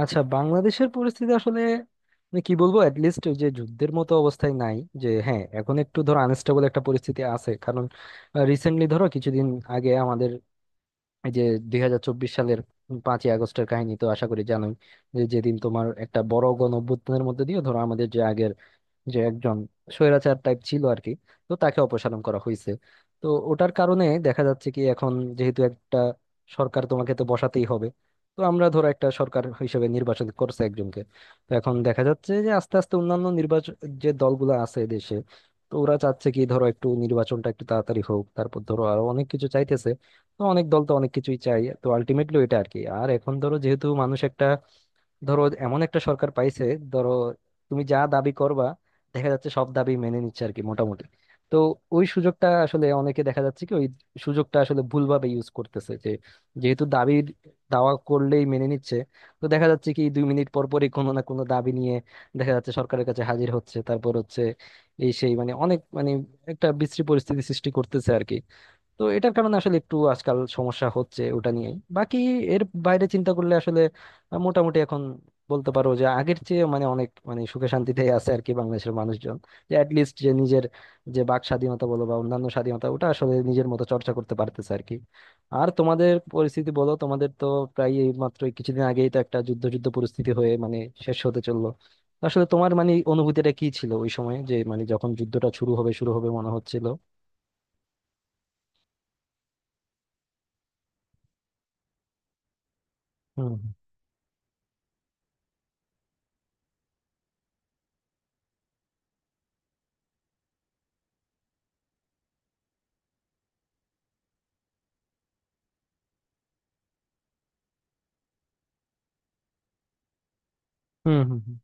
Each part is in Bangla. আচ্ছা, বাংলাদেশের পরিস্থিতি আসলে মানে কি বলবো, অ্যাটলিস্ট যে যুদ্ধের মতো অবস্থায় নাই। যে হ্যাঁ এখন একটু ধরো আনস্টেবল একটা পরিস্থিতি আছে, কারণ রিসেন্টলি ধরো কিছুদিন আগে আমাদের এই যে 2024 সালের 5ই আগস্টের কাহিনী তো আশা করি জানোই, যে যেদিন তোমার একটা বড় গণ অভ্যুত্থানের মধ্যে দিয়ে ধরো আমাদের যে আগের যে একজন স্বৈরাচার টাইপ ছিল আর কি, তো তাকে অপসারণ করা হয়েছে। তো ওটার কারণে দেখা যাচ্ছে কি এখন যেহেতু একটা সরকার তোমাকে তো বসাতেই হবে, তো আমরা ধরো একটা সরকার হিসেবে নির্বাচন করছে একজনকে। তো এখন দেখা যাচ্ছে যে আস্তে আস্তে অন্যান্য নির্বাচন যে দলগুলো আছে দেশে, তো ওরা চাচ্ছে কি ধরো একটু নির্বাচনটা একটু তাড়াতাড়ি হোক, তারপর ধরো আরো অনেক কিছু চাইতেছে। তো অনেক দল তো অনেক কিছুই চাই, তো আলটিমেটলি এটা আর কি। আর এখন ধরো যেহেতু মানুষ একটা ধরো এমন একটা সরকার পাইছে, ধরো তুমি যা দাবি করবা দেখা যাচ্ছে সব দাবি মেনে নিচ্ছে আর কি মোটামুটি। তো ওই সুযোগটা আসলে অনেকে দেখা যাচ্ছে কি ওই সুযোগটা আসলে ভুলভাবে ইউজ করতেছে, যে যেহেতু দাবি দাওয়া করলেই মেনে নিচ্ছে, তো দেখা যাচ্ছে কি 2 মিনিট পর পরই কোনো না কোনো দাবি নিয়ে দেখা যাচ্ছে সরকারের কাছে হাজির হচ্ছে, তারপর হচ্ছে এই সেই, মানে অনেক মানে একটা বিশ্রী পরিস্থিতি সৃষ্টি করতেছে আর কি। তো এটার কারণে আসলে একটু আজকাল সমস্যা হচ্ছে ওটা নিয়ে। বাকি এর বাইরে চিন্তা করলে আসলে মোটামুটি এখন বলতে পারো যে আগের চেয়ে মানে অনেক মানে সুখে শান্তিতে আছে আর কি বাংলাদেশের মানুষজন। যে অ্যাটলিস্ট যে নিজের যে বাক স্বাধীনতা বলো বা অন্যান্য স্বাধীনতা ওটা আসলে নিজের মতো চর্চা করতে পারতেছে আর কি। আর তোমাদের পরিস্থিতি বলো, তোমাদের তো প্রায় এই মাত্র কিছুদিন আগেই তো একটা যুদ্ধ যুদ্ধ পরিস্থিতি হয়ে মানে শেষ হতে চললো। আসলে তোমার মানে অনুভূতিটা কি ছিল ওই সময়, যে মানে যখন যুদ্ধটা শুরু হবে শুরু হবে মনে হচ্ছিল। হুম হুম হুম হুম।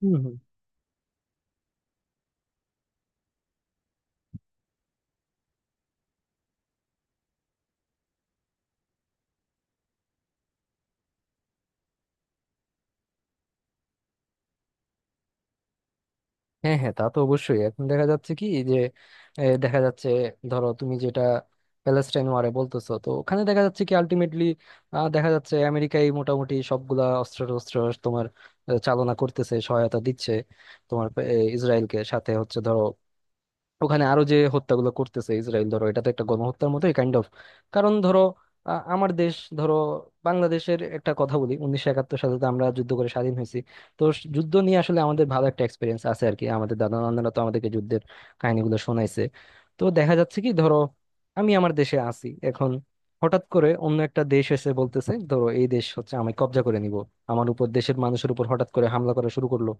হম হম। হ্যাঁ হ্যাঁ, তা তো অবশ্যই। এখন দেখা যাচ্ছে কি যে দেখা যাচ্ছে ধরো তুমি যেটা প্যালেস্টাইন ওয়ারে বলতেছো, তো ওখানে দেখা যাচ্ছে কি আলটিমেটলি দেখা যাচ্ছে আমেরিকাই মোটামুটি সবগুলা অস্ত্র টস্ত্র তোমার চালনা করতেছে, সহায়তা দিচ্ছে তোমার ইসরায়েলকে, সাথে হচ্ছে ধরো ওখানে আরো যে হত্যাগুলো করতেছে ইসরায়েল, ধরো এটা তো একটা গণহত্যার মতোই কাইন্ড অফ। কারণ ধরো আমার দেশ, ধরো বাংলাদেশের একটা কথা বলি, 1971 সালে তো আমরা যুদ্ধ করে স্বাধীন হয়েছি। তো যুদ্ধ নিয়ে আসলে আমাদের ভালো একটা এক্সপিরিয়েন্স আছে আর কি, আমাদের দাদা নানারা তো আমাদেরকে যুদ্ধের কাহিনীগুলো শোনাইছে। তো দেখা যাচ্ছে কি ধরো আমি আমার দেশে আছি এখন, হঠাৎ করে অন্য একটা দেশ এসে বলতেছে ধরো এই দেশ হচ্ছে আমি কব্জা করে নিব, আমার উপর দেশের মানুষের উপর হঠাৎ করে হামলা করা শুরু করলো।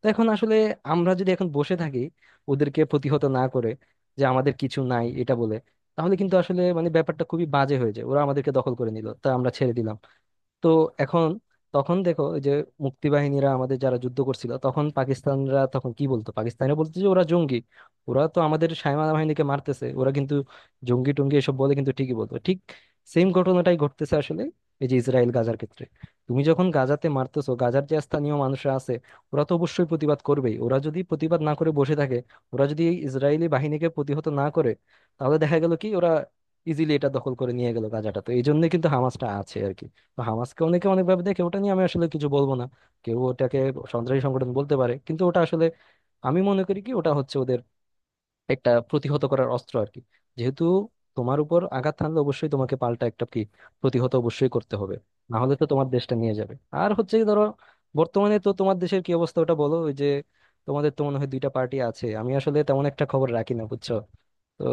তো এখন আসলে আমরা যদি এখন বসে থাকি ওদেরকে প্রতিহত না করে, যে আমাদের কিছু নাই এটা বলে, তাহলে কিন্তু আসলে মানে ব্যাপারটা খুবই বাজে হয়ে যায়। ওরা আমাদেরকে দখল করে নিল, তা আমরা ছেড়ে দিলাম। তো এখন তখন দেখো ওই যে মুক্তিবাহিনীরা আমাদের যারা যুদ্ধ করছিল, তখন পাকিস্তানরা তখন কি বলতো, পাকিস্তানে বলতো যে ওরা জঙ্গি। ওরা তো আমাদের সাইমা বাহিনীকে মারতেছে, ওরা কিন্তু জঙ্গি টঙ্গি এসব বলে কিন্তু ঠিকই বলতো। ঠিক সেম ঘটনাটাই ঘটতেছে আসলে এই যে ইসরায়েল গাজার ক্ষেত্রে। তুমি যখন গাজাতে মারতেছো, গাজার যে স্থানীয় মানুষরা আছে ওরা তো অবশ্যই প্রতিবাদ করবেই। ওরা যদি প্রতিবাদ না করে বসে থাকে, ওরা যদি এই ইসরায়েলি বাহিনীকে প্রতিহত না করে, তাহলে দেখা গেল কি ওরা ইজিলি এটা দখল করে নিয়ে গেল গাজাটা। তো এই জন্য কিন্তু হামাসটা আছে আর কি। তো হামাসকে অনেকে অনেকভাবে দেখে, ওটা নিয়ে আমি আসলে কিছু বলবো না। কেউ ওটাকে সন্ত্রাসী সংগঠন বলতে পারে, কিন্তু ওটা আসলে আমি মনে করি কি ওটা হচ্ছে ওদের একটা প্রতিহত করার অস্ত্র আর কি। যেহেতু তোমার উপর আঘাত হানলে অবশ্যই তোমাকে পাল্টা একটা কি প্রতিহত অবশ্যই করতে হবে, না হলে তো তোমার দেশটা নিয়ে যাবে। আর হচ্ছে কি ধরো বর্তমানে তো তোমার দেশের কি অবস্থা ওটা বলো। ওই যে তোমাদের তো মনে হয় দুইটা পার্টি আছে, আমি আসলে তেমন একটা খবর রাখি না বুঝছো। তো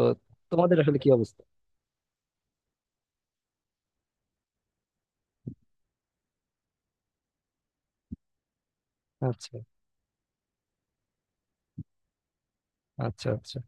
তোমাদের আসলে কি অবস্থা? আচ্ছা, আচ্ছা, আচ্ছা।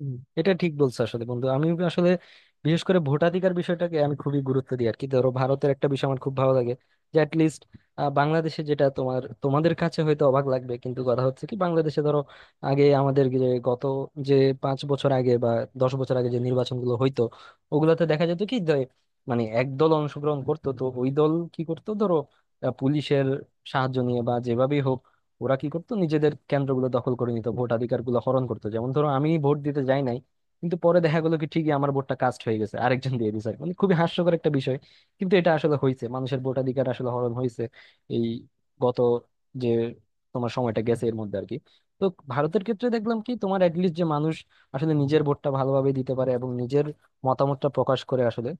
হুম, এটা ঠিক বলছো আসলে বন্ধু। আমি আসলে বিশেষ করে ভোটাধিকার বিষয়টাকে আমি খুবই গুরুত্ব দিই আর কি। ধরো ভারতের একটা বিষয় আমার খুব ভালো লাগে যে অ্যাটলিস্ট বাংলাদেশে যেটা তোমার তোমাদের কাছে হয়তো অবাক লাগবে, কিন্তু কথা হচ্ছে কি বাংলাদেশে ধরো আগে আমাদের যে গত যে 5 বছর আগে বা 10 বছর আগে যে নির্বাচনগুলো হইতো, ওগুলাতে দেখা যেত কি যে মানে এক দল অংশগ্রহণ করতো, তো ওই দল কি করতো ধরো পুলিশের সাহায্য নিয়ে বা যেভাবেই হোক ওরা কি করতো নিজেদের কেন্দ্রগুলো দখল করে নিত, ভোটাধিকার গুলো হরণ করতো। যেমন ধরো আমি ভোট দিতে যাই নাই, কিন্তু পরে দেখা গেলো কি ঠিকই আমার ভোটটা কাস্ট হয়ে গেছে, আরেকজন দিয়ে দিছে। মানে খুবই হাস্যকর একটা বিষয়, কিন্তু এটা আসলে হয়েছে, মানুষের ভোটাধিকার আসলে হরণ হয়েছে এই গত যে তোমার সময়টা গেছে এর মধ্যে আর কি। তো ভারতের ক্ষেত্রে দেখলাম কি তোমার অ্যাটলিস্ট যে মানুষ আসলে নিজের ভোটটা ভালোভাবে দিতে পারে এবং নিজের মতামতটা প্রকাশ করে আসলে।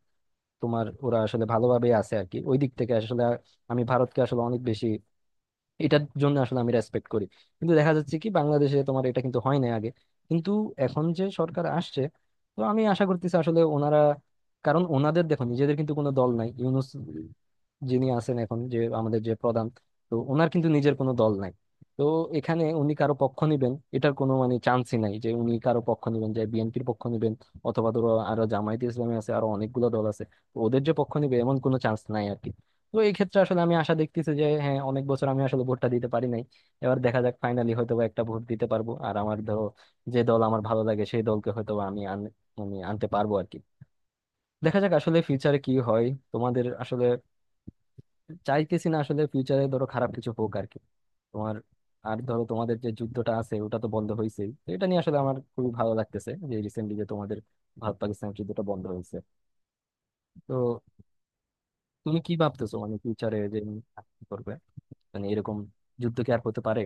তোমার ওরা আসলে ভালোভাবে আছে আর কি ওই দিক থেকে। আসলে আমি ভারতকে আসলে অনেক বেশি এটার জন্য আসলে আমি রেসপেক্ট করি। কিন্তু দেখা যাচ্ছে কি বাংলাদেশে তোমার এটা কিন্তু হয় না আগে, কিন্তু এখন যে সরকার আসছে তো আমি আশা করতেছি আসলে ওনারা, কারণ ওনাদের দেখো নিজেদের কিন্তু কোনো দল নাই। ইউনুস যিনি আছেন এখন, যে আমাদের যে প্রধান, তো ওনার কিন্তু নিজের কোনো দল নাই। তো এখানে উনি কারো পক্ষ নিবেন এটার কোনো মানে চান্সই নাই, যে উনি কারো পক্ষ নিবেন, যে বিএনপির পক্ষ নিবেন, অথবা ধরো আরো জামায়াতে ইসলামী আছে, আরো অনেকগুলো দল আছে, তো ওদের যে পক্ষ নিবে এমন কোনো চান্স নাই আর কি। তো এই ক্ষেত্রে আসলে আমি আশা দেখতেছি যে হ্যাঁ অনেক বছর আমি আসলে ভোটটা দিতে পারি নাই, এবার দেখা যাক ফাইনালি হয়তো বা একটা ভোট দিতে পারবো। আর আমার ধরো যে দল আমার ভালো লাগে সেই দলকে হয়তো বা আমি মানে আনতে পারবো আর কি। দেখা যাক আসলে ফিউচারে কি হয় তোমাদের আসলে। চাইতেছি না আসলে ফিউচারে ধরো খারাপ কিছু হোক আর কি তোমার। আর ধরো তোমাদের যে যুদ্ধটা আছে ওটা তো বন্ধ হয়েছেই, তো এটা নিয়ে আসলে আমার খুবই ভালো লাগতেছে যে রিসেন্টলি যে তোমাদের ভারত পাকিস্তানের যুদ্ধটা বন্ধ হয়েছে। তো তুমি কি ভাবতেছো মানে ফিউচারে যে কি করবে, মানে এরকম যুদ্ধ কি আর হতে পারে?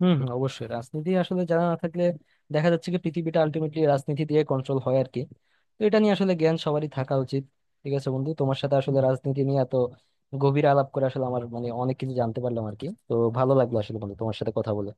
হম হম, অবশ্যই। রাজনীতি আসলে জানা না থাকলে দেখা যাচ্ছে কি পৃথিবীটা আলটিমেটলি রাজনীতি দিয়ে কন্ট্রোল হয় আর কি। তো এটা নিয়ে আসলে জ্ঞান সবারই থাকা উচিত। ঠিক আছে বন্ধু, তোমার সাথে আসলে রাজনীতি নিয়ে এত গভীর আলাপ করে আসলে আমার মানে অনেক কিছু জানতে পারলাম আর কি। তো ভালো লাগলো আসলে বন্ধু তোমার সাথে কথা বলে।